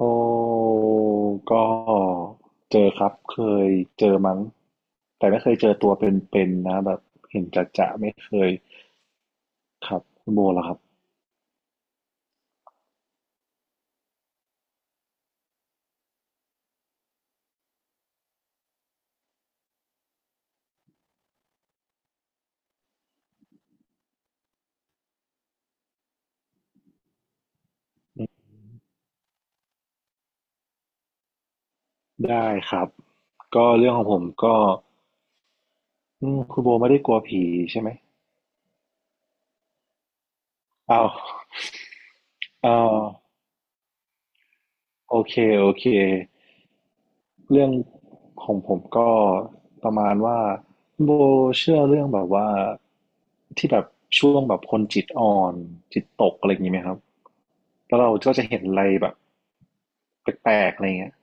โอ้ก็เจอครับเคยเจอมั้งแต่ไม่เคยเจอตัวเป็นๆนะแบบเห็นจะๆไม่เคยครับคุณโบล่ะครับได้ครับก็เรื่องของผมก็คุณโบไม่ได้กลัวผีใช่ไหมอ้าวอ้าวโอเคโอเคเรื่องของผมก็ประมาณว่าคุณโบเชื่อเรื่องแบบว่าที่แบบช่วงแบบคนจิตอ่อนจิตตกอะไรอย่างนี้ไหมครับแล้วเราก็จะเห็นอะไรแบบ แปลกๆอะไรเงี้ย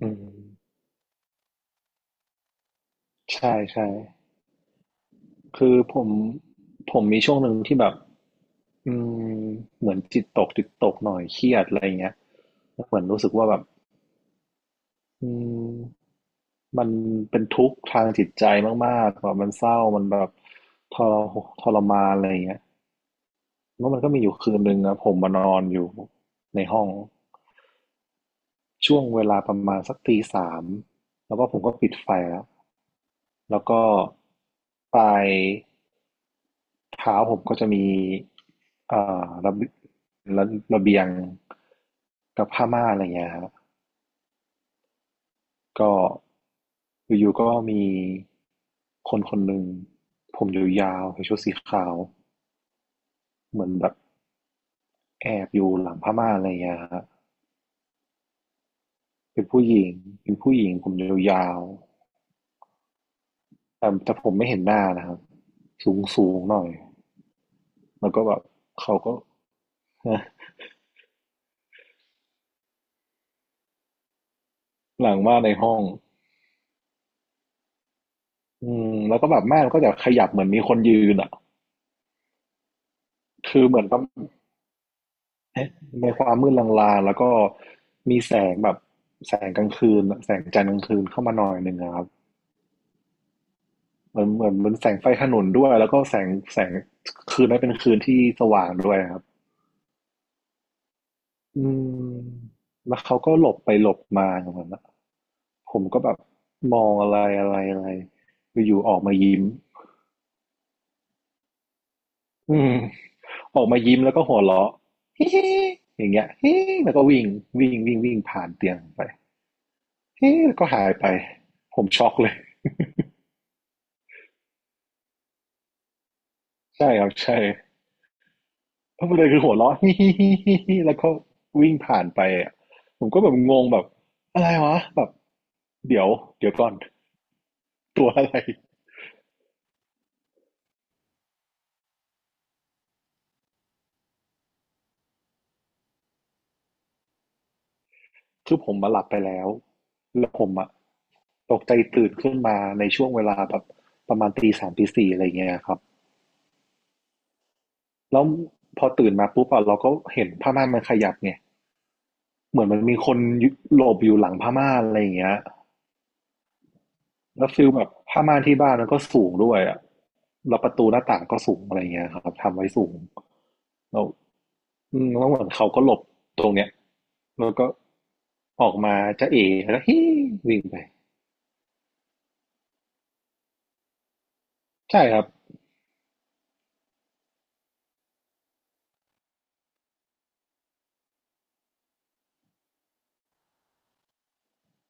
อืมใช่ใช่คือผมมีช่วงหนึ่งที่แบบอืมเหมือนจิตตกหน่อยเครียดอะไรเงี้ยแล้วเหมือนรู้สึกว่าแบบอืมมันเป็นทุกข์ทางจิตใจมากๆแบบมันเศร้ามันแบบทรทรมานอะไรเงี้ยแล้วมันก็มีอยู่คืนหนึ่งนะผมมานอนอยู่ในห้องช่วงเวลาประมาณสักตีสามแล้วก็ผมก็ปิดไฟแล้วแล้วก็ไป เท้าผมก็จะมีเอ่อระเบีระระเบียงกับผ้าม่านอะไรเงี้ยครับก็อยู่ๆก็มีคนคนหนึ่งผมยาวๆใส่ชุดสีขาว เหมือนแบบแอบอยู่หลังผ้าม่านอะไรเงี้ยครับเป็นผู้หญิง เป็นผู้หญิงผมยาวๆแต่ผมไม่เห็นหน้านะครับสูงสูงหน่อย แล้วก็แบบเขาก็ หลังม่านในห้องอืมแล้วก็แบบม่านก็จะขยับเหมือนมีคนยืนอ่ะคือเหมือน เอ๊ะในความมืดลางๆ แล้วก็มีแสงแบบแสงกลางคืนแสงจันทร์กลางคืนเข้ามาหน่อยหนึ่งอะครับเหมือนแสงไฟถนนด้วยแล้วก็แสงคืนนั้นเป็นคืนที่สว่างด้วยครับอืมแล้วเขาก็หลบไปหลบมาอย่างนั้นนะผมก็แบบมองอะไรอะไรอะไรอยู่ๆออกมายิ้มอืมออกมายิ้มแล้วก็หัวเราะ ฮิฮิอย่างเงี้ย ฮิแล้วก็วิ่งวิ่งวิ่งวิ่งผ่านเตียงไป ฮิแล้วก็หายไปผมช็อกเลย ใช่ครับใช่เพราะประเด็นคือหัวเราะ ฮิฮิฮิฮิฮิแล้วก็วิ่งผ่านไปอะผมก็แบบงงแบบอะไรวะแบบเดี๋ยวเดี๋ยวก่อนตัวอะไรคือผมมาหลับไปแล้วแล้วผมอะตกใจตื่นขึ้นมาในช่วงเวลาแบบประมาณตีสามตีสี่อะไรเงี้ยครับแล้วพอตื่นมาปุ๊บอะเราก็เห็นผ้าม่านมันขยับไงเหมือนมันมีคนหลบอยู่หลังผ้าม่านอะไรอย่างเงี้ยแล้วฟิลแบบผ้าม่านที่บ้านมันก็สูงด้วยอะแล้วประตูหน้าต่างก็สูงอะไรเงี้ยครับทำไว้สูง เราวอืมแล้วเหมือนเขาก็หลบตรงเนี้ยแล้วก็ออกมาจะเอแล้วฮิวิ่งไป ใช่ครับ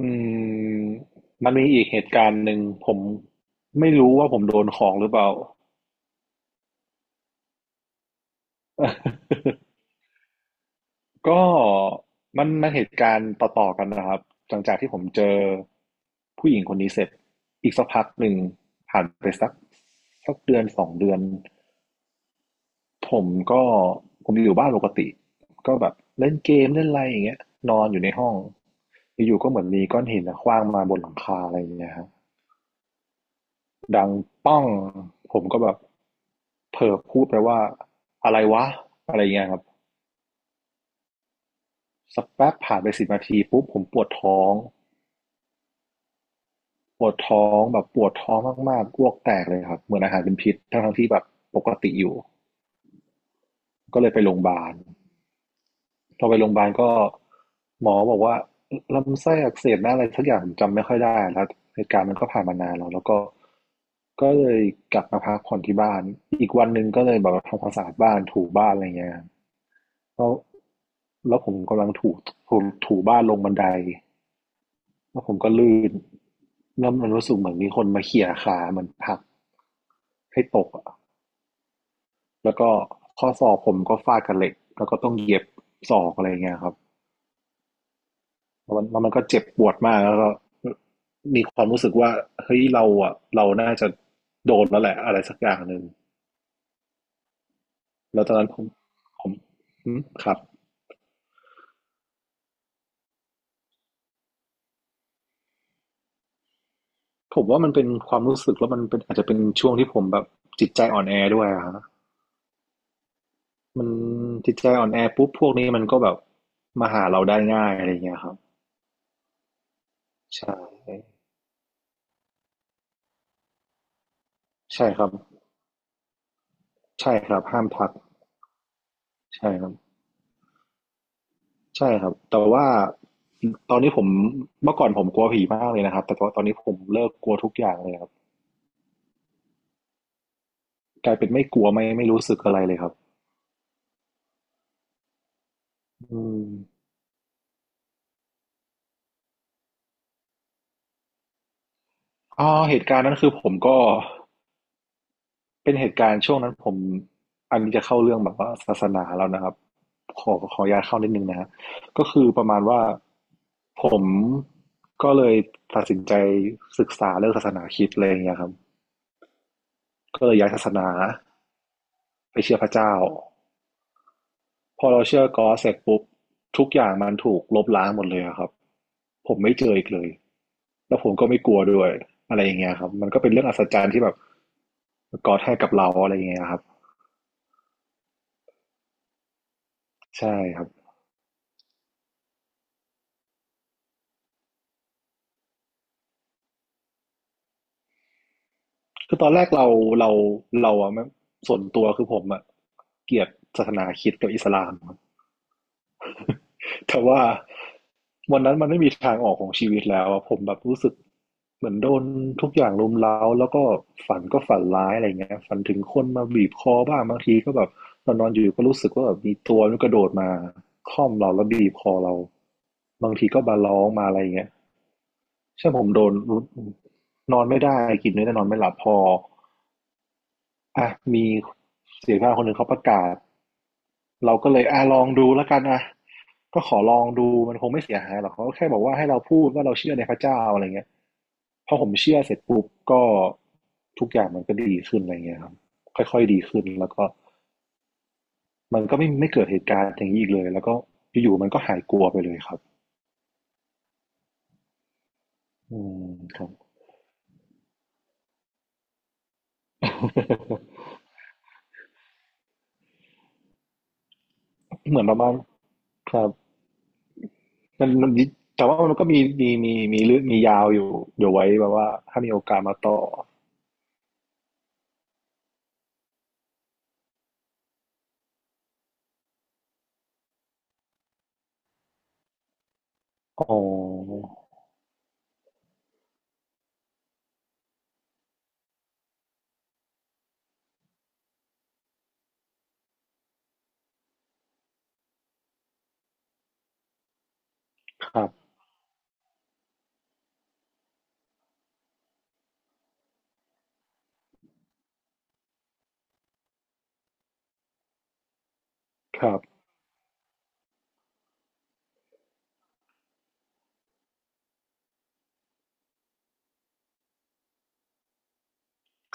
อืมมันมีอีกเหตุการณ์หนึ่งผมไม่รู้ว่าผมโดนของหรือเปล่า ก็มันเหตุการณ์ต่อๆกันนะครับหลังจากที่ผมเจอผู้หญิงคนนี้เสร็จอีกสักพักหนึ่งผ่านไปสักเดือนสองเดือน ผมก็ผมอยู่บ้านปกติก็แบบเล่นเกมเล่นอะไรอย่างเงี้ยนอนอยู่ในห้อง อยู่ๆก็เหมือนมีก้อนหินอะขว้างมาบนหลังคาอะไรอย่างเงี้ยครับดังป้องผมก็แบบเผลอพูดไปว่าอะไรวะอะไรอย่างเงี้ยครับสักแป๊บผ่านไปสิบนาทีปุ๊บผมปวดท้องปวดท้องแบบปวดท้องมากๆอ้วกแตกเลยครับเหมือนอาหารเป็นพิษทั้งๆที่แบบปกติอยู่ก็เลยไปโรงพยาบาล พอไปโรงพยาบาลก็หมอบอกว่าลำไส้อักเสบนะอะไรสักอย่างผมจำไม่ค่อยได้แล้วเหตุการณ์มันก็ผ่านมานานแล้วแล้วก็ก็เลยกลับมาพักผ่อนที่บ้านอีกวันหนึ่งก็เลยแบบว่าทำความสะอาดบ้านถูบ้านอะไรเงี้ยแล้วแล้วผมกำลังถูถูถูบ้านลงบันไดแล้วผมก็ลื่นแล้วมันรู้สึกเหมือนมีคนมาเขี่ยขาเหมือนผลักให้ตกอะแล้วก็ข้อศอกผมก็ฟาดกับเหล็กแล้วก็ต้องเย็บศอกอะไรเงี้ยครับ แล้วมันก็เจ็บปวดมากแล้วก็มีความรู้สึกว่าเฮ้ยเราอ่ะเราน่าจะโดนแล้วแหละอะไรสักอย่างหนึ่งแล้วตอนนั้นผมอืมครับผมว่ามันเป็นความรู้สึกแล้วมันเป็นอาจจะเป็นช่วงที่ผมแบบจิตใจอ่อนแอด้วยอะฮะมันจิตใจอ่อนแอปุ๊บพวกนี้มันก็แบบมาหาเราได้ง่ายอะไรเงี้ยครับใช่ใช่ครับใช่ครับห้ามทักใช่ครับ ใช่ครับแต่ว่าตอนนี้ผมเมื่อก่อนผมกลัวผีมากเลยนะครับแต่ว่าตอนนี้ผมเลิกกลัวทุกอย่างเลยครับกลายเป็นไม่กลัวไม่รู้สึกอะไรเลยครับอืมอ๋อเหตุการณ์นั้นคือผมก็เป็นเหตุการณ์ช่วงนั้นผมอันนี้จะเข้าเรื่องแบบว่าศาสนาแล้วนะครับขออนุญาตเข้านิดนึงนะฮะก็คือประมาณว่าผมก็เลยตัดสินใจศึกษาเรื่องศาสนาคริสต์อะไรอย่างเงี้ยครับก็เลยย้ายศาสนาไปเชื่อพระเจ้า พอเราเชื่อกอสเสร็จปุ๊บทุกอย่างมันถูกลบล้างหมดเลยอะครับผมไม่เจออีกเลยแล้วผมก็ไม่กลัวด้วยอะไรอย่างเงี้ยครับมันก็เป็นเรื่องอัศจรรย์ที่แบบกอดให้กับเราอะไรอย่างเงี้ยครับใช่ครับคือตอนแรกเราเราอะไม่ส่วนตัวคือผมอะเกลียดศาสนาคริสต์กับอิสลามครับ แต่ว่าวันนั้นมันไม่มีทางออกของชีวิตแล้วอะผมแบบรู้สึกเหมือนโดนทุกอย่างรุมเร้าแล้วก็ฝันก็ฝันร้ายอะไรเงี้ยฝันถึงคนมาบีบคอบ้างบางทีก็แบบเอนนอนอยู่ก็รู้สึกว่าแบบมีตัวมันกระโดดมาคล่อมเราแล้วบีบคอเราบางทีก็บาร้องมาอะไรเงี้ยใช่ผมโดนนอนไม่ได้กินไม่ได้นอนไม่หลับพออ่ะมีเสียงข้างคนหนึ่งเขาประกาศ เราก็เลยอ่ะลองดูแล้วกันอ่ะก็ขอลองดูมันคงไม่เสียหายหรอกเขาก็แค่บอกว่าให้เราพูดว่าเราเชื่อในพระเจ้าอะไรเงี้ยพอผมเชื่อเสร็จปุ๊บก็ทุกอย่างมันก็ดีขึ้นอะไรเงี้ยครับค่อยๆดีขึ้นแล้วก็มันก็ไม่เกิดเหตุการณ์อย่างนี้อีกเลยแล้วก็อยู่ๆมันก็หายกลัวไปเลยครับอืมครับ เหมือนประมาณครับมันแต่ว่ามันก็มีเรื่องมียาวอยู่เดี๋ยวไว้แบบว่าถ้ามีโอกาสมาต่ออ๋อครับครับ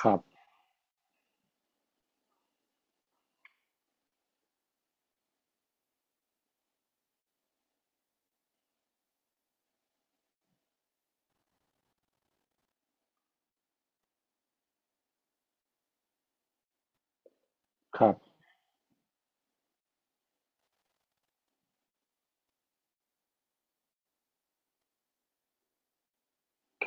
ครับครับ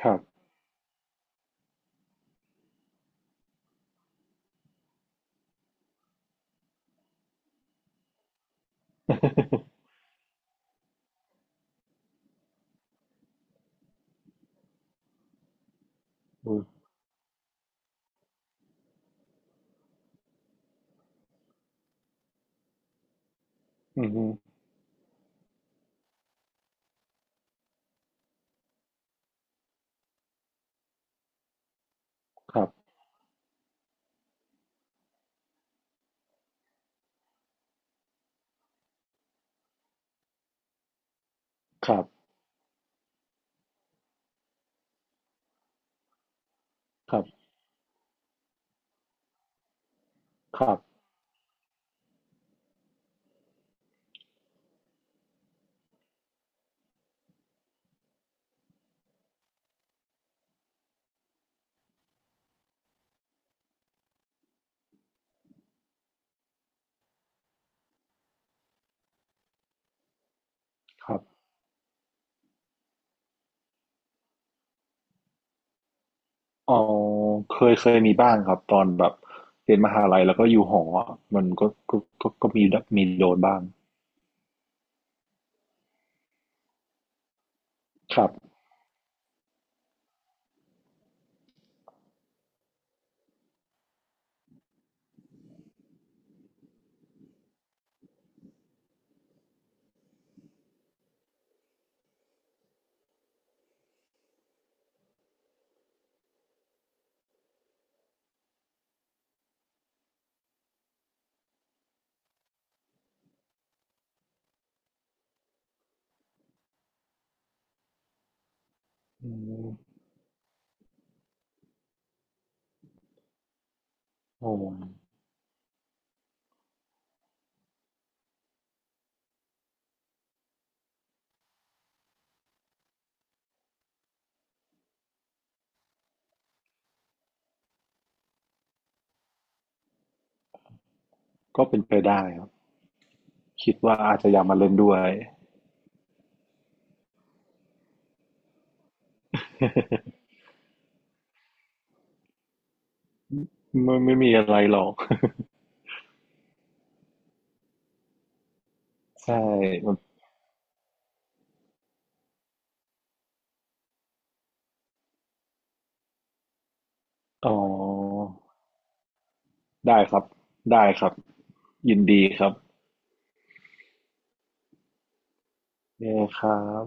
ครับ อืมอือครับครับครับครับครับอ๋อเคยมีบ้างครับตอนแบบเรียนมหาลัยแล้วก็อยู่หออะมันก็มีมีโดนบ้างครับอืมโอ้ก็เป็นไปได้ครับ คิดว่าอาจจะอยากมาเล่นด้วย ไม่มีอะไรหรอก ใช่มันอ๋อได้ครับ ได้ครับ ยินดีครับเย้ครับ